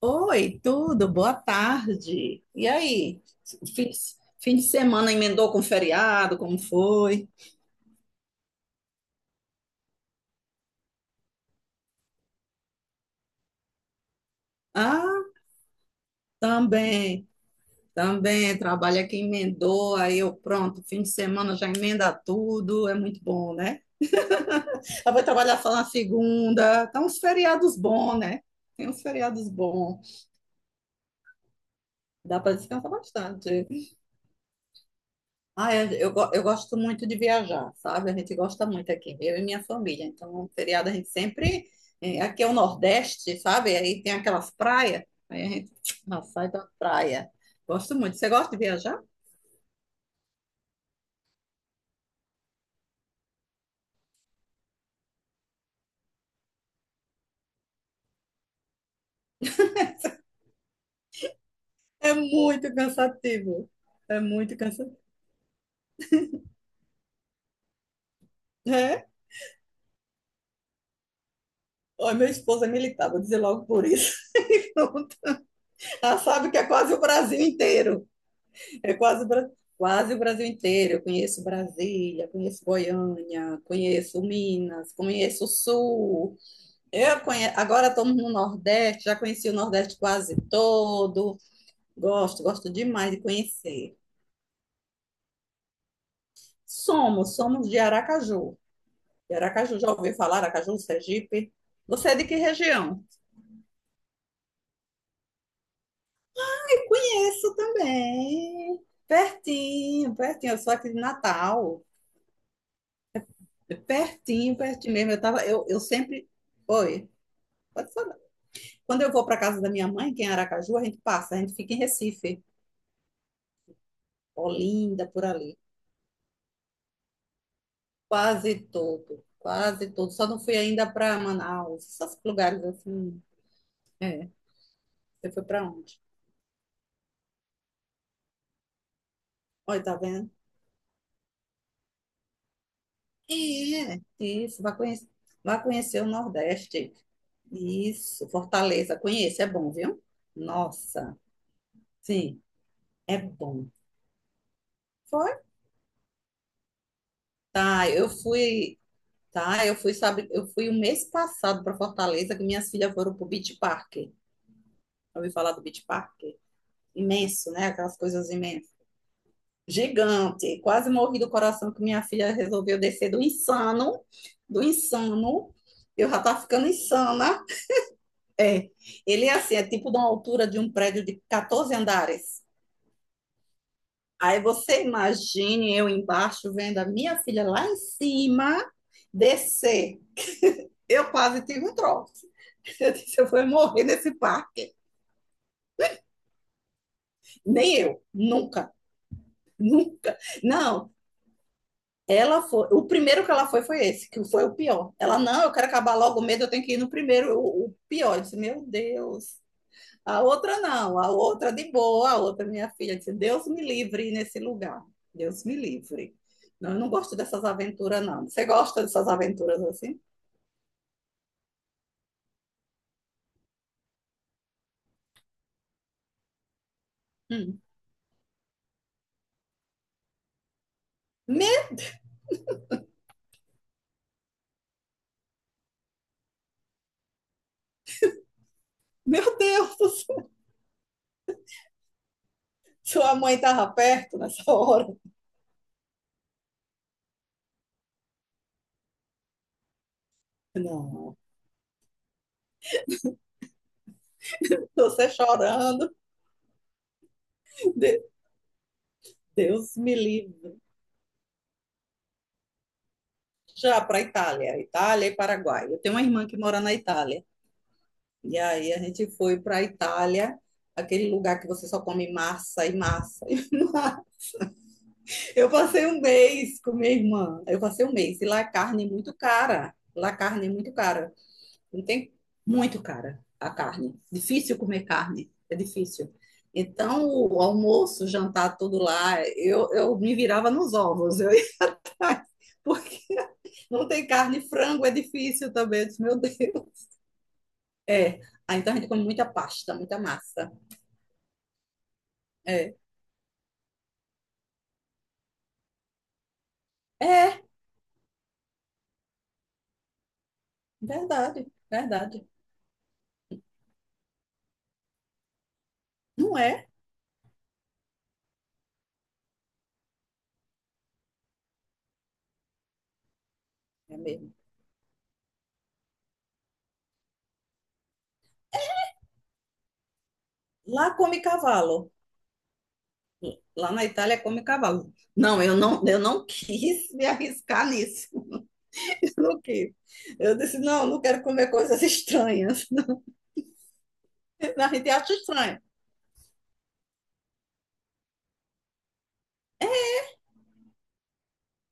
Oi, tudo, boa tarde. E aí? Fim, fim de semana emendou com feriado, como foi? Ah, também, trabalho aqui emendou, aí eu pronto, fim de semana já emenda tudo, é muito bom, né? Eu vou trabalhar só na segunda, tá uns feriados bons, né? Tem uns feriados bons, dá para descansar bastante. Ah, eu gosto muito de viajar, sabe? A gente gosta muito aqui, eu e minha família. Então, um feriado a gente sempre. Aqui é o Nordeste, sabe? Aí tem aquelas praias. Aí a gente ah, sai da praia. Gosto muito. Você gosta de viajar? É muito cansativo. É muito cansativo. É? Olha, meu esposo é militar, vou dizer logo por isso. Ela sabe que é quase o Brasil inteiro. É quase, quase o Brasil inteiro. Eu conheço Brasília, conheço Goiânia, conheço Minas, conheço o Sul. Eu conhe... Agora estamos no Nordeste, já conheci o Nordeste quase todo. Gosto, gosto demais de conhecer. Somos, somos de Aracaju. De Aracaju, já ouviu falar? Aracaju, Sergipe? Você é de que região? Conheço também. Pertinho, pertinho. Eu sou aqui de Natal. Pertinho, pertinho mesmo. Eu tava, eu sempre. Oi. Pode falar. Quando eu vou para casa da minha mãe, que é em Aracaju, a gente passa, a gente fica em Recife, Olinda, por ali. Quase todo, quase todo. Só não fui ainda para Manaus, esses lugares assim. É, você foi para onde? Olha, tá vendo? É, isso, vai conhecer o Nordeste. Isso, Fortaleza, conheço, é bom, viu? Nossa, sim, é bom. Foi? Tá, eu fui, tá, eu fui, sabe, eu fui o mês passado para Fortaleza, que minhas filhas foram pro Beach Park. Ouviu falar do Beach Park? Imenso, né? Aquelas coisas imensas. Gigante. Quase morri do coração que minha filha resolveu descer do insano, do insano. Eu já tá ficando insana. É. Ele é assim, é tipo de uma altura de um prédio de 14 andares. Aí você imagine eu embaixo vendo a minha filha lá em cima descer. Eu quase tive um troço. Eu disse, eu vou morrer nesse parque. Nem eu, nunca, nunca. Não, ela foi, o primeiro que ela foi foi esse, que foi o pior. Ela, não, eu quero acabar logo o medo, eu tenho que ir no primeiro, o pior. Eu disse, meu Deus. A outra não, a outra de boa, a outra minha filha disse, Deus me livre nesse lugar. Deus me livre. Não, eu não gosto dessas aventuras, não. Você gosta dessas aventuras assim? Hum. Meu, meu Deus, sua mãe estava perto nessa hora. Não, você chorando. Deus me livre. Já para a Itália, Itália e Paraguai. Eu tenho uma irmã que mora na Itália. E aí a gente foi para a Itália, aquele lugar que você só come massa e massa. E massa. Eu passei um mês com minha irmã. Eu passei um mês e lá a carne é muito cara. Lá a carne é muito cara. Não tem muito cara a carne. Difícil comer carne, é difícil. Então, o almoço, o jantar, tudo lá, eu me virava nos ovos. Eu ia porque não tem carne, frango é difícil também. Eu disse, meu Deus. É. Ah, então a gente come muita pasta, muita massa. É. É, verdade, verdade. Não é, é mesmo. Lá come cavalo. Lá na Itália come cavalo. Não, eu não quis me arriscar nisso. Eu não quis. Eu disse, não, não quero comer coisas estranhas. A gente acha estranho.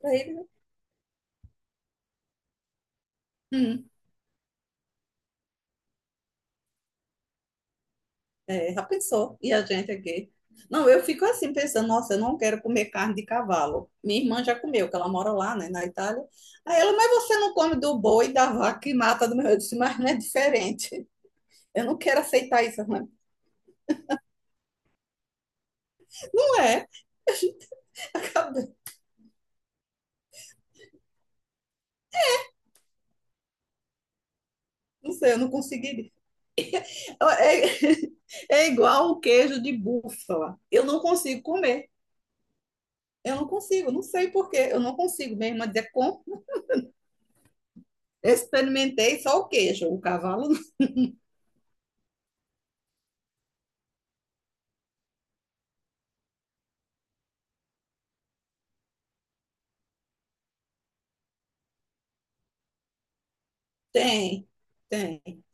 Pra ele, né? Hum. É, já pensou? E a gente aqui? Não, eu fico assim pensando, nossa, eu não quero comer carne de cavalo. Minha irmã já comeu, que ela mora lá, né, na Itália. Aí ela, mas você não come do boi, da vaca que mata do meu. Eu disse, mas não é diferente. Eu não quero aceitar isso. Ela, mas não é, cadê? Não sei, eu não conseguiria. É, é igual o queijo de búfala. Eu não consigo comer. Eu não consigo, não sei por quê. Eu não consigo. Minha irmã dizia, com... experimentei só o queijo, o cavalo não tem. Tem,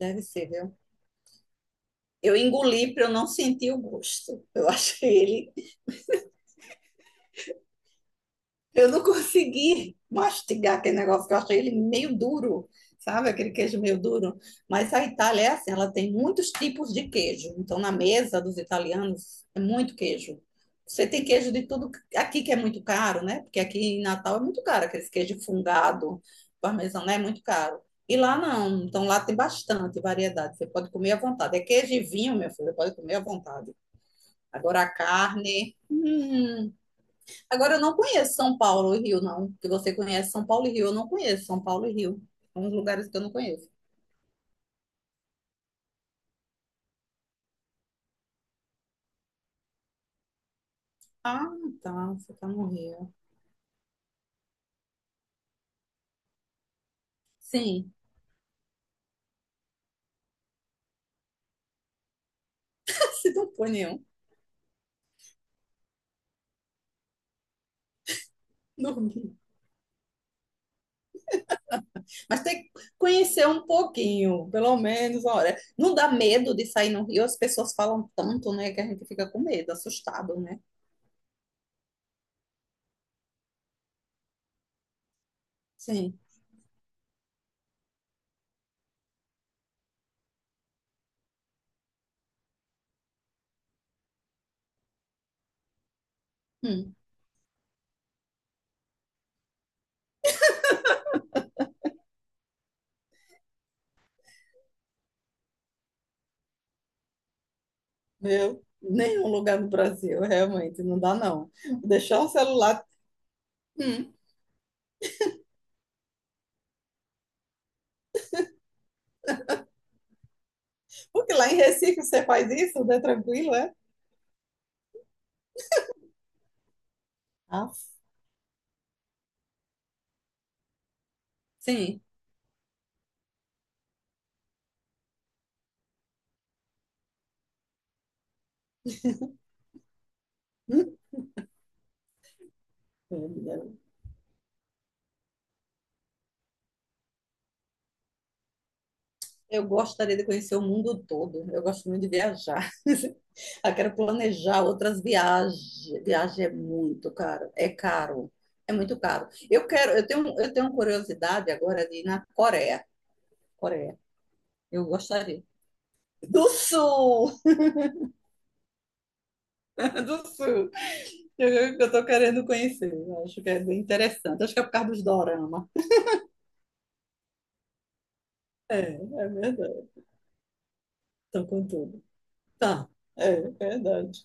deve ser, viu? Eu engoli para eu não sentir o gosto. Eu achei ele. Eu não consegui mastigar aquele negócio, que eu achei ele meio duro, sabe? Aquele queijo meio duro. Mas a Itália é assim, ela tem muitos tipos de queijo. Então, na mesa dos italianos, é muito queijo. Você tem queijo de tudo aqui que é muito caro, né? Porque aqui em Natal é muito caro, aquele queijo fungado, parmesão, né? É muito caro. E lá não, então lá tem bastante variedade, você pode comer à vontade. É queijo e vinho, meu filho, você pode comer à vontade. Agora a carne. Hum. Agora eu não conheço São Paulo e Rio, não. Que você conhece São Paulo e Rio, eu não conheço São Paulo e Rio. São uns lugares que eu não conheço. Ah, tá. Você tá no Rio. Sim. Se não for nenhum. No Rio. Mas tem que conhecer um pouquinho, pelo menos, olha. Não dá medo de sair no Rio, as pessoas falam tanto, né, que a gente fica com medo, assustado, né? Sim. Hum. Meu, nenhum lugar no Brasil, realmente, não dá, não. Deixar o celular. Hum. Porque lá em Recife você faz isso, né? Tranquilo, é? Ah, sim. Hum, eu gostaria de conhecer o mundo todo. Eu gosto muito de viajar. Eu quero planejar outras viagens. Viagem é muito caro. É caro. É muito caro. Eu quero, eu tenho curiosidade agora de ir na Coreia. Coreia. Eu gostaria. Do Sul! Do Sul. Tô querendo conhecer. Eu acho que é bem interessante. Acho que é por causa dos dorama. É, é verdade. Estão com tudo. Tá, é verdade.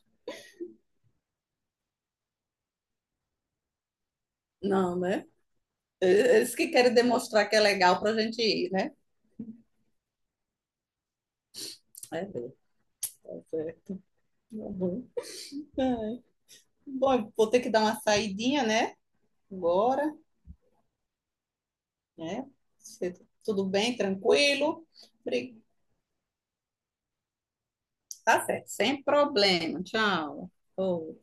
Não, né? Eles que querem demonstrar que é legal para a gente ir, né? É, tá certo. Uhum. É. Bom, eu vou ter que dar uma saidinha, né? Agora, né? Se- Tudo bem, tranquilo? Obri- Tá certo, sem problema. Tchau. Ô.